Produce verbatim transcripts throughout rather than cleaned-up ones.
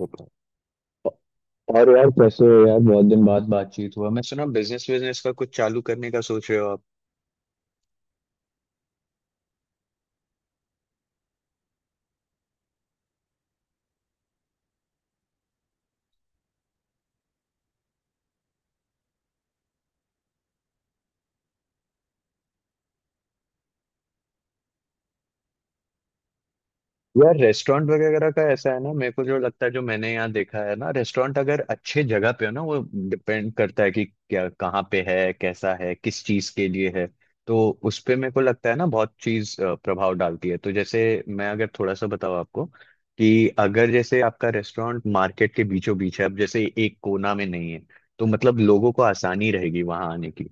बताओ। और यार कैसे हो यार? बहुत दिन बाद बातचीत हुआ। मैं सुना बिजनेस बिजनेस का कुछ चालू करने का सोच रहे हो आप। यार, रेस्टोरेंट वगैरह का ऐसा है ना, मेरे को जो लगता है जो मैंने यहाँ देखा है ना, रेस्टोरेंट अगर अच्छे जगह पे हो ना, वो डिपेंड करता है कि क्या, कहाँ पे है, कैसा है, किस चीज के लिए है। तो उस पे मेरे को लगता है ना, बहुत चीज अ, प्रभाव डालती है। तो जैसे मैं अगर थोड़ा सा बताऊँ आपको, कि अगर जैसे आपका रेस्टोरेंट मार्केट के बीचों बीच है, अब जैसे एक कोना में नहीं है, तो मतलब लोगों को आसानी रहेगी वहां आने की।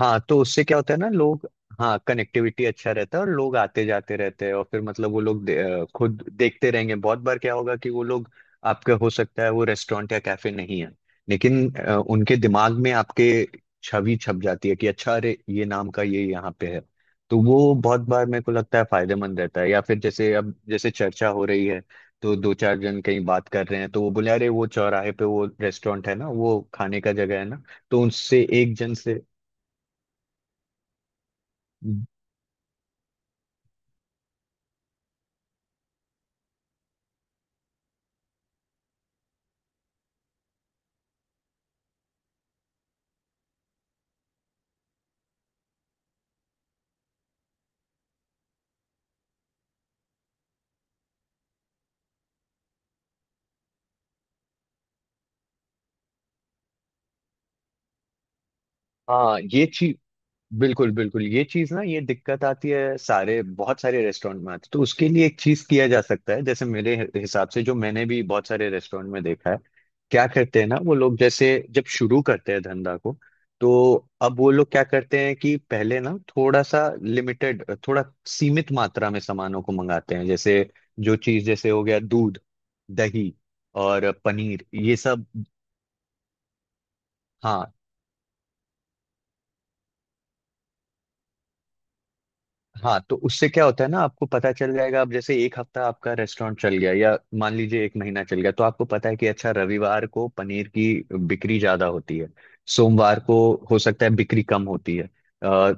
हाँ, तो उससे क्या होता है ना, लोग। हाँ, कनेक्टिविटी अच्छा रहता है और लोग आते जाते रहते हैं, और फिर मतलब वो लोग दे, अ, खुद देखते रहेंगे। बहुत बार क्या होगा कि वो लोग, आपका हो सकता है वो रेस्टोरेंट या कैफे नहीं है, लेकिन अ, उनके दिमाग में आपके छवि छप जाती है कि अच्छा, अरे ये नाम का ये यहाँ पे है। तो वो बहुत बार मेरे को लगता है फायदेमंद रहता है। या फिर जैसे अब जैसे चर्चा हो रही है, तो दो चार जन कहीं बात कर रहे हैं तो वो बोले अरे, वो चौराहे पे वो रेस्टोरेंट है ना, वो खाने का जगह है ना। तो उनसे एक जन से। हाँ, ये चीज। बिल्कुल बिल्कुल, ये चीज ना, ये दिक्कत आती है, सारे बहुत सारे रेस्टोरेंट में आती है। तो उसके लिए एक चीज किया जा सकता है जैसे मेरे हि- हिसाब से, जो मैंने भी बहुत सारे रेस्टोरेंट में देखा है। क्या करते हैं ना वो लोग, जैसे जब शुरू करते हैं धंधा को, तो अब वो लोग क्या करते हैं कि पहले ना थोड़ा सा लिमिटेड, थोड़ा सीमित मात्रा में सामानों को मंगाते हैं। जैसे जो चीज जैसे हो गया दूध, दही और पनीर ये सब। हाँ। हाँ, तो उससे क्या होता है ना, आपको पता चल जाएगा। अब जैसे एक हफ्ता आपका रेस्टोरेंट चल गया, या मान लीजिए एक महीना चल गया, तो आपको पता है कि अच्छा, रविवार को पनीर की बिक्री ज्यादा होती है। सोमवार को हो सकता है बिक्री कम होती है। अ,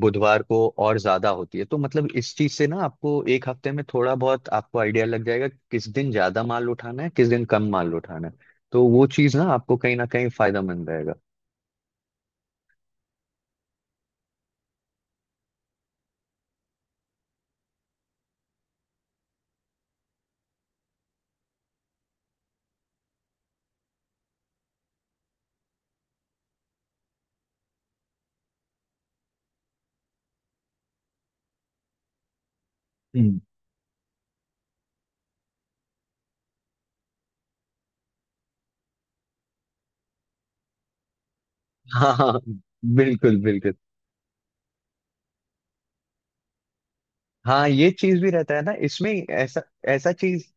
बुधवार को और ज्यादा होती है। तो मतलब इस चीज से ना, आपको एक हफ्ते में थोड़ा बहुत आपको आइडिया लग जाएगा कि किस दिन ज्यादा माल उठाना है, किस दिन कम माल उठाना है। तो वो चीज ना आपको कहीं ना कहीं फायदामंद रहेगा। हम्म। हाँ हाँ, बिल्कुल बिल्कुल। हाँ, ये चीज भी रहता है ना इसमें। ऐसा, ऐसा चीज।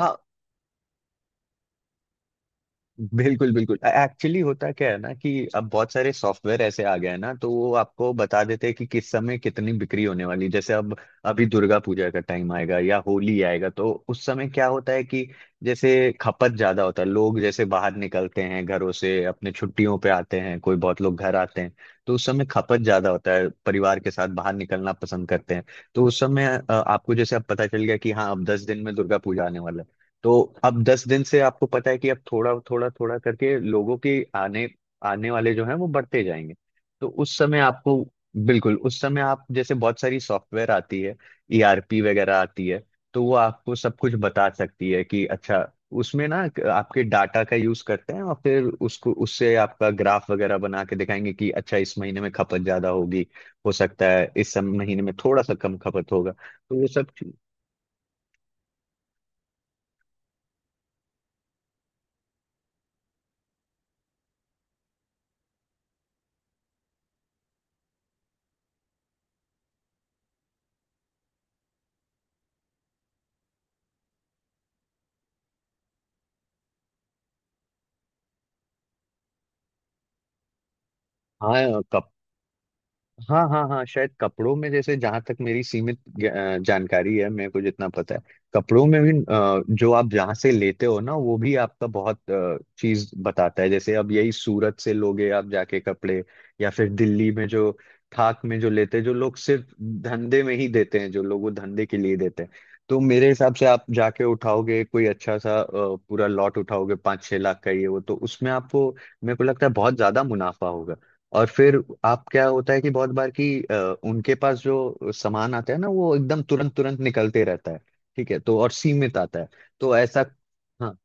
हाँ बिल्कुल बिल्कुल। एक्चुअली होता क्या है ना कि अब बहुत सारे सॉफ्टवेयर ऐसे आ गए हैं ना, तो वो आपको बता देते हैं कि किस समय कितनी बिक्री होने वाली है। जैसे अब अभी दुर्गा पूजा का टाइम आएगा या होली आएगा, तो उस समय क्या होता है कि जैसे खपत ज्यादा होता है। लोग जैसे बाहर निकलते हैं घरों से, अपने छुट्टियों पे आते हैं, कोई बहुत लोग घर आते हैं। तो उस समय खपत ज्यादा होता है, परिवार के साथ बाहर निकलना पसंद करते हैं। तो उस समय अ, आपको जैसे अब पता चल गया कि हाँ अब दस दिन में दुर्गा पूजा आने वाला है। तो अब दस दिन से आपको पता है कि अब थोड़ा थोड़ा थोड़ा करके लोगों के आने आने वाले जो हैं वो बढ़ते जाएंगे। तो उस समय आपको, बिल्कुल उस समय आप जैसे, बहुत सारी सॉफ्टवेयर आती है, ईआरपी वगैरह आती है। तो वो आपको सब कुछ बता सकती है कि अच्छा, उसमें ना एक आपके डाटा का यूज करते हैं और फिर उसको उससे आपका ग्राफ वगैरह बना के दिखाएंगे कि अच्छा इस महीने में खपत ज्यादा होगी। हो सकता है इस सब महीने में थोड़ा सा कम खपत होगा, तो वो सब चीज़- हाँ हाँ हाँ। हाँ, शायद कपड़ों में जैसे जहां तक मेरी सीमित ज- अ, जानकारी है, मेरे को जितना पता है, कपड़ों में भी अ, जो आप जहाँ से लेते हो ना, वो भी आपका बहुत अ, चीज बताता है। जैसे अब यही सूरत से लोगे आप जाके कपड़े, या फिर दिल्ली में जो थाक में जो लेते हैं जो लोग, सिर्फ धंधे में ही देते हैं जो लोग, वो धंधे के लिए देते हैं। तो मेरे हिसाब से आप जाके उठाओगे कोई अच्छा सा अ, पूरा लॉट उठाओगे, पाँच छह लाख का ये वो, तो उसमें आपको मेरे को लगता है बहुत ज्यादा मुनाफा होगा। और फिर आप, क्या होता है कि बहुत बार कि अ, उनके पास जो सामान आता है ना, वो एकदम तुरंत तुरंत निकलते रहता है। ठीक है, तो और सीमित आता है। तो ऐसा। हाँ,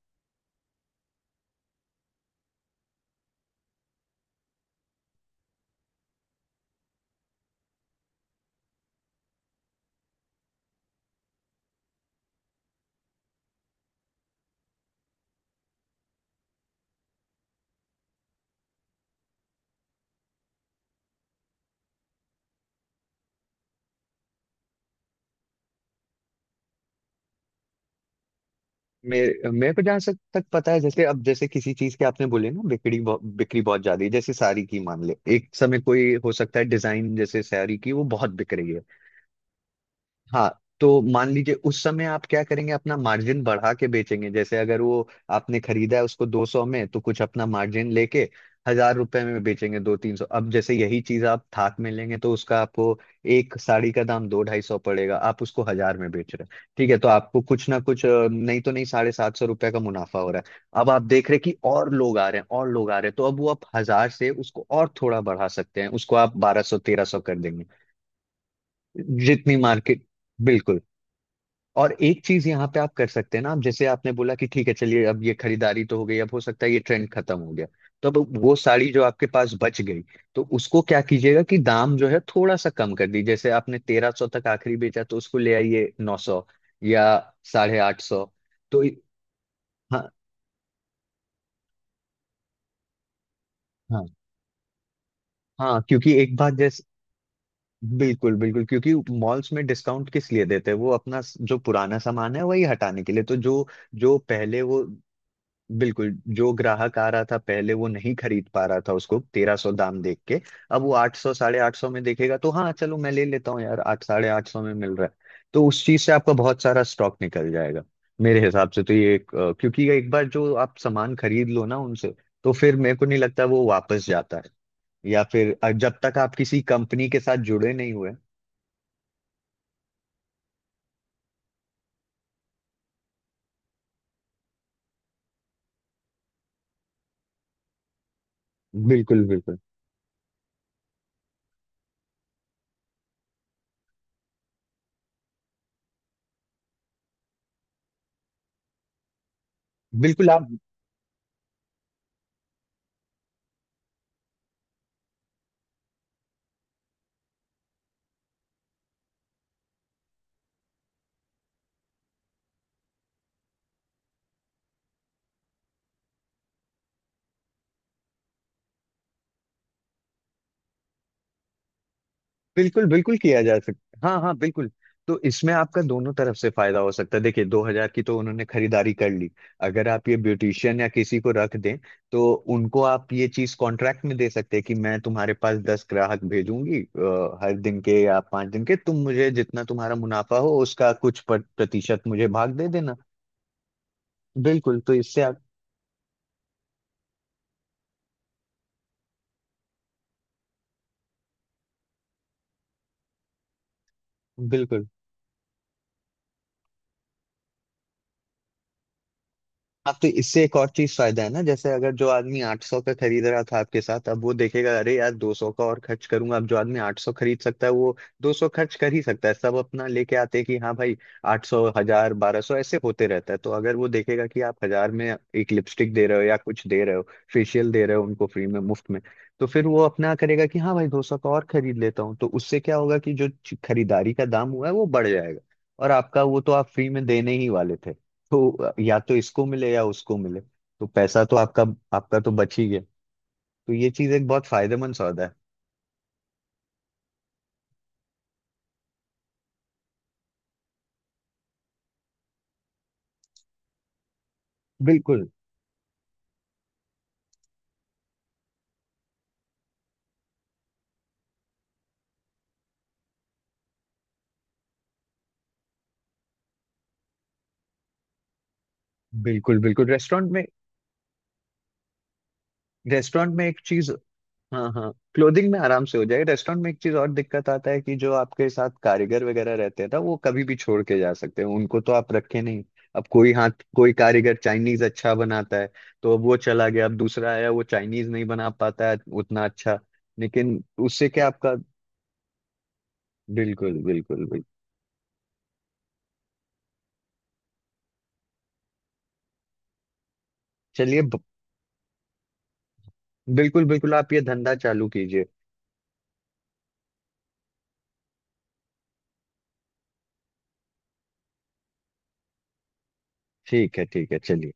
मेरे मेरे को जहाँ तक तक पता है, जैसे अब जैसे किसी चीज के आपने बोले ना, बिक्री बहु- बिक्री बहुत ज्यादा है, जैसे साड़ी की मान ले, एक समय कोई हो सकता है डिजाइन जैसे साड़ी की वो बहुत बिक रही है। हाँ, तो मान लीजिए उस समय आप क्या करेंगे, अपना मार्जिन बढ़ा के बेचेंगे। जैसे अगर वो आपने खरीदा है उसको दो सौ में, तो कुछ अपना मार्जिन लेके हजार रुपए में बेचेंगे, दो तीन सौ। अब जैसे यही चीज आप थाक में लेंगे, तो उसका आपको एक साड़ी का दाम दो ढाई सौ पड़ेगा, आप उसको हजार में बेच रहे हैं ठीक है, तो आपको कुछ ना कुछ, अ, नहीं तो नहीं, साढ़े सात सौ रुपए का मुनाफा हो रहा है। अब आप देख रहे हैं कि और लोग आ रहे हैं, और लोग आ रहे हैं, तो अब वो आप हजार से उसको और थोड़ा बढ़ा सकते हैं, उसको आप बारह सौ तेरह सौ कर देंगे। जितनी मार्केट, बिल्कुल। और एक चीज यहाँ पे आप कर सकते हैं ना, आप जैसे आपने बोला कि ठीक है चलिए, अब ये खरीदारी तो हो गई, अब हो सकता है ये ट्रेंड खत्म हो गया, तो अब वो साड़ी जो आपके पास बच गई, तो उसको क्या कीजिएगा कि दाम जो है थोड़ा सा कम कर दीजिए। जैसे आपने तेरह सौ तक आखिरी बेचा, तो उसको ले आइए नौ सौ, या साढ़े आठ सौ। तो इ- हाँ हाँ हाँ, क्योंकि एक बात जैसे, बिल्कुल बिल्कुल, क्योंकि मॉल्स में डिस्काउंट किस लिए देते हैं? वो अपना स- जो पुराना सामान है वही हटाने के लिए। तो जो, जो पहले वो, बिल्कुल। जो ग्राहक आ रहा था पहले, वो नहीं खरीद पा रहा था उसको तेरह सौ दाम देख के, अब वो आठ सौ साढ़े आठ सौ में देखेगा तो हाँ चलो मैं ले लेता हूँ यार, आठ साढ़े आठ सौ में मिल रहा है। तो उस चीज से आपका बहुत सारा स्टॉक निकल जाएगा। मेरे हिसाब से तो ये एक, अ, क्योंकि ये एक बार जो आप सामान खरीद लो ना उनसे, तो फिर मेरे को नहीं लगता वो वापस जाता है। या फिर अ, जब तक आप किसी कंपनी के साथ जुड़े नहीं हुए। बिल्कुल बिल्कुल बिल्कुल आप, बिल्कुल बिल्कुल किया जा सकता, हाँ हाँ बिल्कुल। तो इसमें आपका दोनों तरफ से फायदा हो सकता है। देखिए, दो हजार की तो उन्होंने खरीदारी कर ली, अगर आप ये ब्यूटिशियन या किसी को रख दें, तो उनको आप ये चीज कॉन्ट्रैक्ट में दे सकते हैं कि मैं तुम्हारे पास दस ग्राहक भेजूंगी, अ, हर दिन के या पांच दिन के, तुम मुझे जितना तुम्हारा मुनाफा हो उसका कुछ पर- प्रतिशत मुझे भाग दे देना। बिल्कुल, तो इससे आप, बिल्कुल। हाँ, तो इससे एक और चीज फायदा है ना, जैसे अगर जो आदमी आठ सौ का खरीद रहा था आपके साथ, अब वो देखेगा अरे यार दो सौ का और खर्च करूंगा। अब जो आदमी आठ सौ खरीद सकता है, वो दो सौ खर्च कर ही सकता है। सब अपना लेके आते हैं कि हाँ भाई आठ सौ हजार बारह सौ, ऐसे होते रहता है। तो अगर वो देखेगा कि आप हजार में एक लिपस्टिक दे रहे हो या कुछ दे रहे हो, फेशियल दे रहे हो उनको फ्री में मुफ्त में, तो फिर वो अपना करेगा कि हाँ भाई, दो सौ का और खरीद लेता हूँ। तो उससे क्या होगा कि जो खरीदारी का दाम हुआ है वो बढ़ जाएगा, और आपका वो तो आप फ्री में देने ही वाले थे। तो या तो इसको मिले या उसको मिले, तो पैसा तो आपका, आपका तो बच ही गया। तो ये चीज एक बहुत फायदेमंद सौदा है। बिल्कुल बिल्कुल बिल्कुल। रेस्टोरेंट में, रेस्टोरेंट में एक चीज। हाँ हाँ, क्लोथिंग में आराम से हो जाएगा। रेस्टोरेंट में एक चीज और दिक्कत आता है कि जो आपके साथ कारीगर वगैरह रहते हैं ना, वो कभी भी छोड़ के जा सकते हैं, उनको तो आप रखे नहीं। अब कोई हाथ, कोई कारीगर चाइनीज अच्छा बनाता है, तो अब वो चला गया, अब दूसरा आया वो चाइनीज नहीं बना पाता है उतना अच्छा। लेकिन उससे क्या आपका, बिल्कुल बिल्कुल बिल्कुल। चलिए, बिल्कुल बिल्कुल आप ये धंधा चालू कीजिए। ठीक है ठीक है, चलिए।